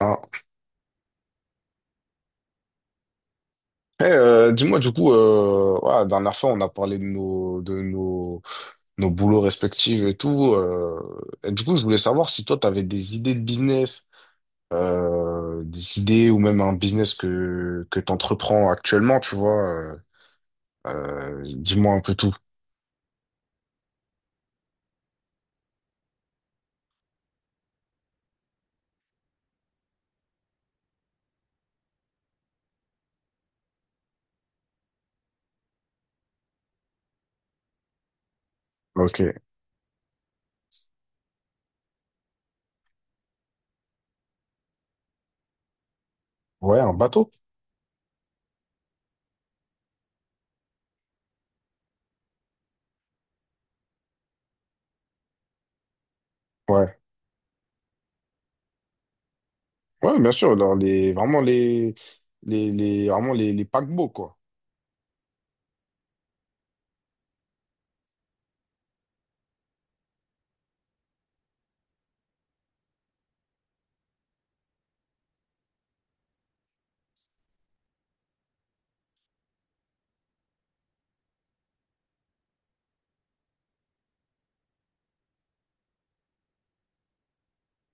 Ah. Eh, dis-moi du coup, ouais, la dernière fois on a parlé de nos boulots respectifs et tout. Et du coup, je voulais savoir si toi tu avais des idées de business, des idées ou même un business que t'entreprends actuellement, tu vois. Dis-moi un peu tout. Ok. Ouais, un bateau. Ouais. Ouais, bien sûr, dans les, paquebots, quoi.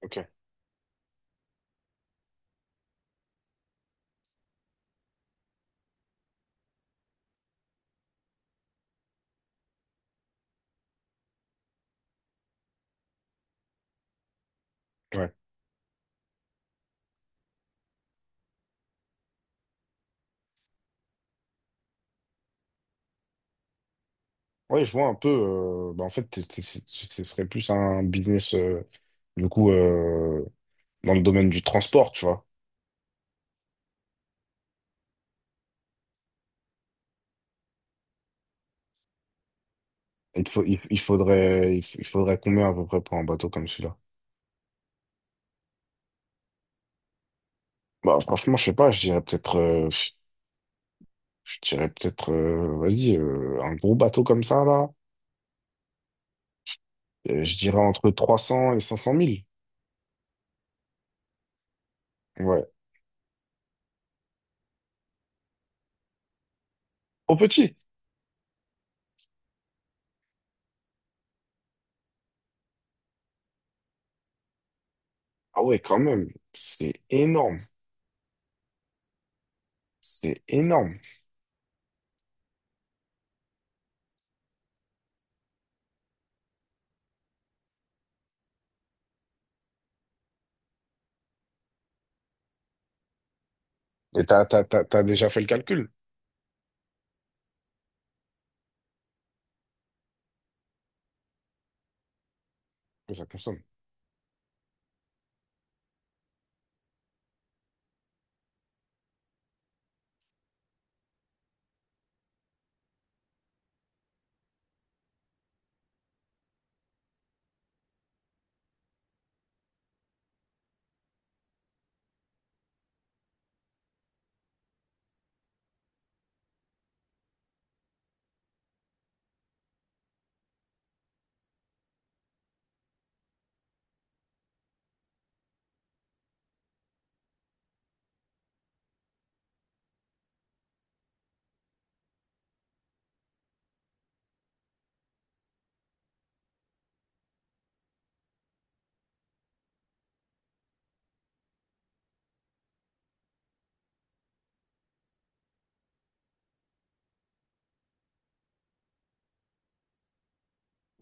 Ok. Ouais, je vois un peu. Bah, en fait, ce serait plus un business, du coup, dans le domaine du transport, tu vois. Il te faut, il faudrait, il, f- il faudrait combien à peu près pour un bateau comme celui-là? Bah, franchement, je sais pas. Je dirais peut-être, vas-y, un gros bateau comme ça là. Je dirais entre 300 et 500 mille. Ouais. Au petit. Ah ouais, quand même. C'est énorme. C'est énorme. Et t'as déjà fait le calcul? Que ça consomme.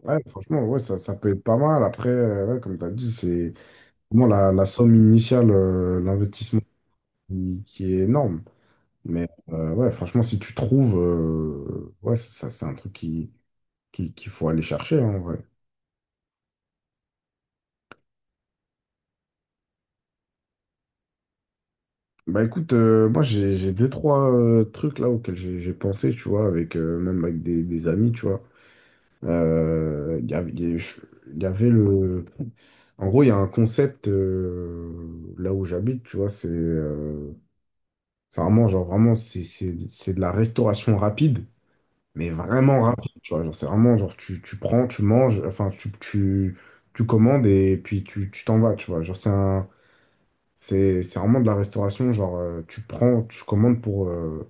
Ouais, franchement, ouais, ça peut être pas mal. Après, ouais, comme tu as dit, c'est vraiment la somme initiale, l'investissement qui est énorme. Mais ouais, franchement, si tu trouves, ouais, ça, c'est un truc qu'il faut aller chercher, hein, en vrai. Bah écoute, moi j'ai deux, trois trucs là auxquels j'ai pensé, tu vois, avec même avec des amis, tu vois. Il y avait, il y a- je- il y avait le. En gros, il y a un concept là où j'habite, tu vois, c'est. C'est vraiment, genre, vraiment, c'est de la restauration rapide, mais vraiment, mhm, rapide, tu vois. Genre, c'est vraiment, genre, tu prends, tu manges, enfin, tu commandes et puis tu t'en vas, tu vois. Genre, c'est un, c'est vraiment de la restauration, genre, tu prends, tu commandes pour, euh,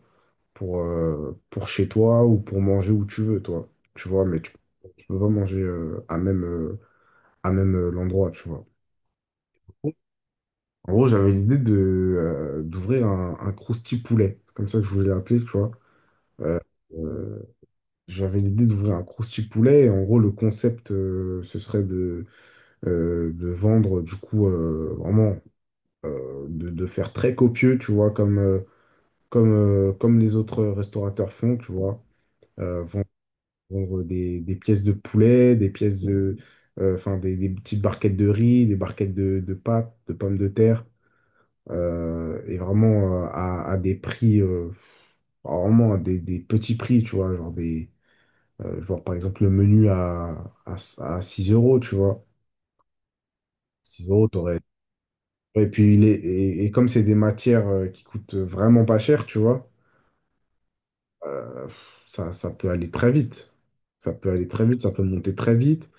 pour, euh, pour chez toi ou pour manger où tu veux, toi. Tu vois, mais tu peux pas manger à même l'endroit, tu vois. En gros, j'avais l'idée de, d'ouvrir un Krusty poulet. C'est comme ça que je voulais l'appeler, tu vois. Euh, J'avais l'idée d'ouvrir un crousty poulet. Et en gros, le concept, ce serait de vendre, du coup, vraiment, de faire très copieux, tu vois, comme les autres restaurateurs font, tu vois. Euh, vendre vendre des pièces de poulet, des pièces de. Enfin, des petites barquettes de riz, des barquettes de pâtes, de pommes de terre, et vraiment à des prix, vraiment à des petits prix, tu vois, genre des. Genre, par exemple, le menu à 6 euros, tu vois. 6 euros, t'aurais... Et puis, et, comme c'est des matières qui coûtent vraiment pas cher, tu vois, ça peut aller très vite. Ça peut aller très vite, ça peut monter très vite.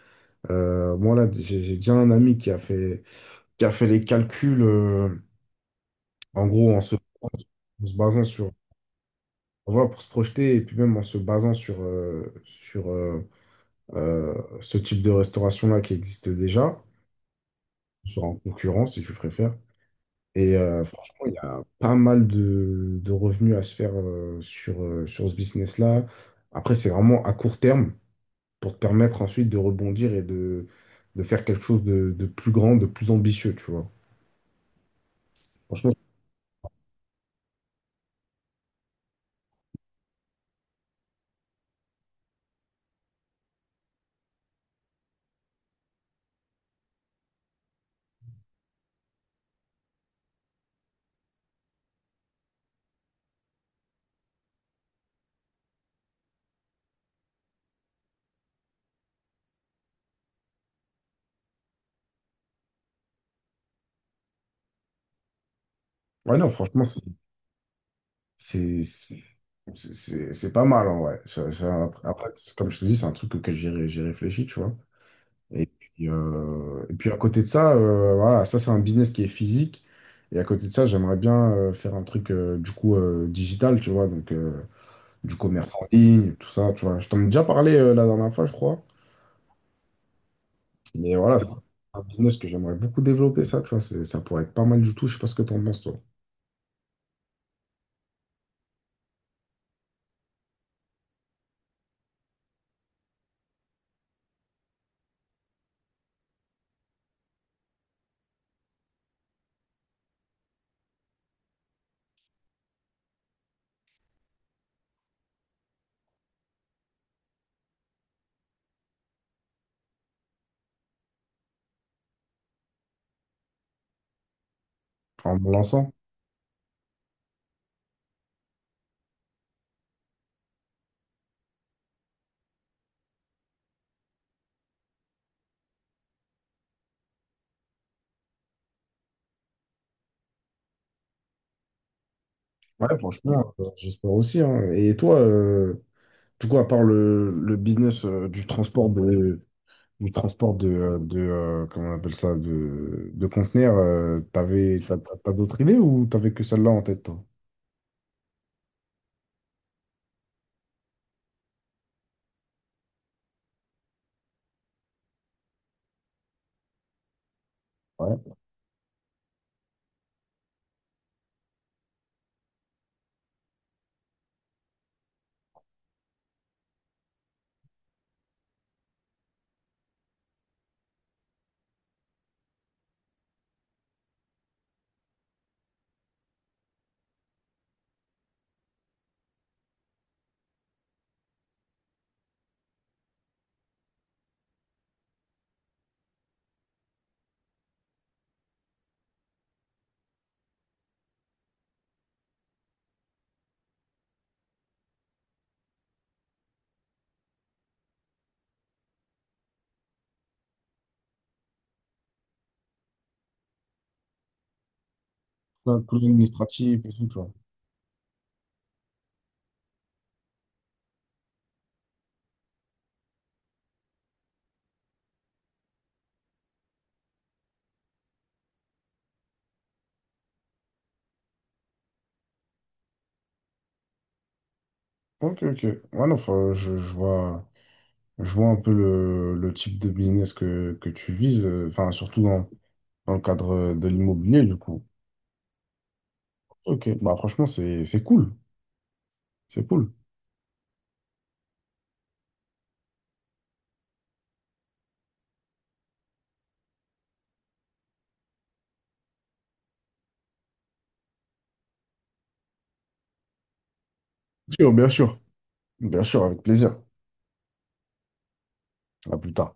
Moi, là, j'ai déjà un ami qui a fait les calculs, en gros, en se basant sur... Voilà, pour se projeter, et puis même en se basant sur euh, ce type de restauration-là qui existe déjà, genre en concurrence, si tu préfères. Et franchement, il y a pas mal de revenus à se faire sur ce business-là. Après, c'est vraiment à court terme pour te permettre ensuite de rebondir et de faire quelque chose de plus grand, de plus ambitieux, tu vois. Franchement, ouais, non, franchement, c'est pas mal, en vrai. Après, comme je te dis, c'est un truc auquel j'ai réfléchi, tu vois. Et puis, à côté de ça, voilà, ça c'est un business qui est physique. Et à côté de ça, j'aimerais bien faire un truc du coup digital, tu vois, donc du commerce en ligne, tout ça, tu vois. Je t'en ai déjà parlé la dernière fois, je crois. Mais voilà, c'est un business que j'aimerais beaucoup développer, ça, tu vois. Ça pourrait être pas mal du tout. Je sais pas ce que t'en penses, toi, en me lançant. Ouais, franchement, j'espère aussi, hein. Et toi, du coup, à part le business du transport de, comment on appelle ça, de conteneurs, t'as d'autres idées ou t'avais que celle-là en tête, toi? Ouais. Plein de colis administratifs et tout, tu vois. Ok, ok. Ouais, non, je vois un peu le type de business que tu vises, enfin, surtout dans le cadre de l'immobilier, du coup. Ok, bah franchement, c'est cool. C'est cool. Bien sûr, bien sûr. Bien sûr, avec plaisir. À plus tard.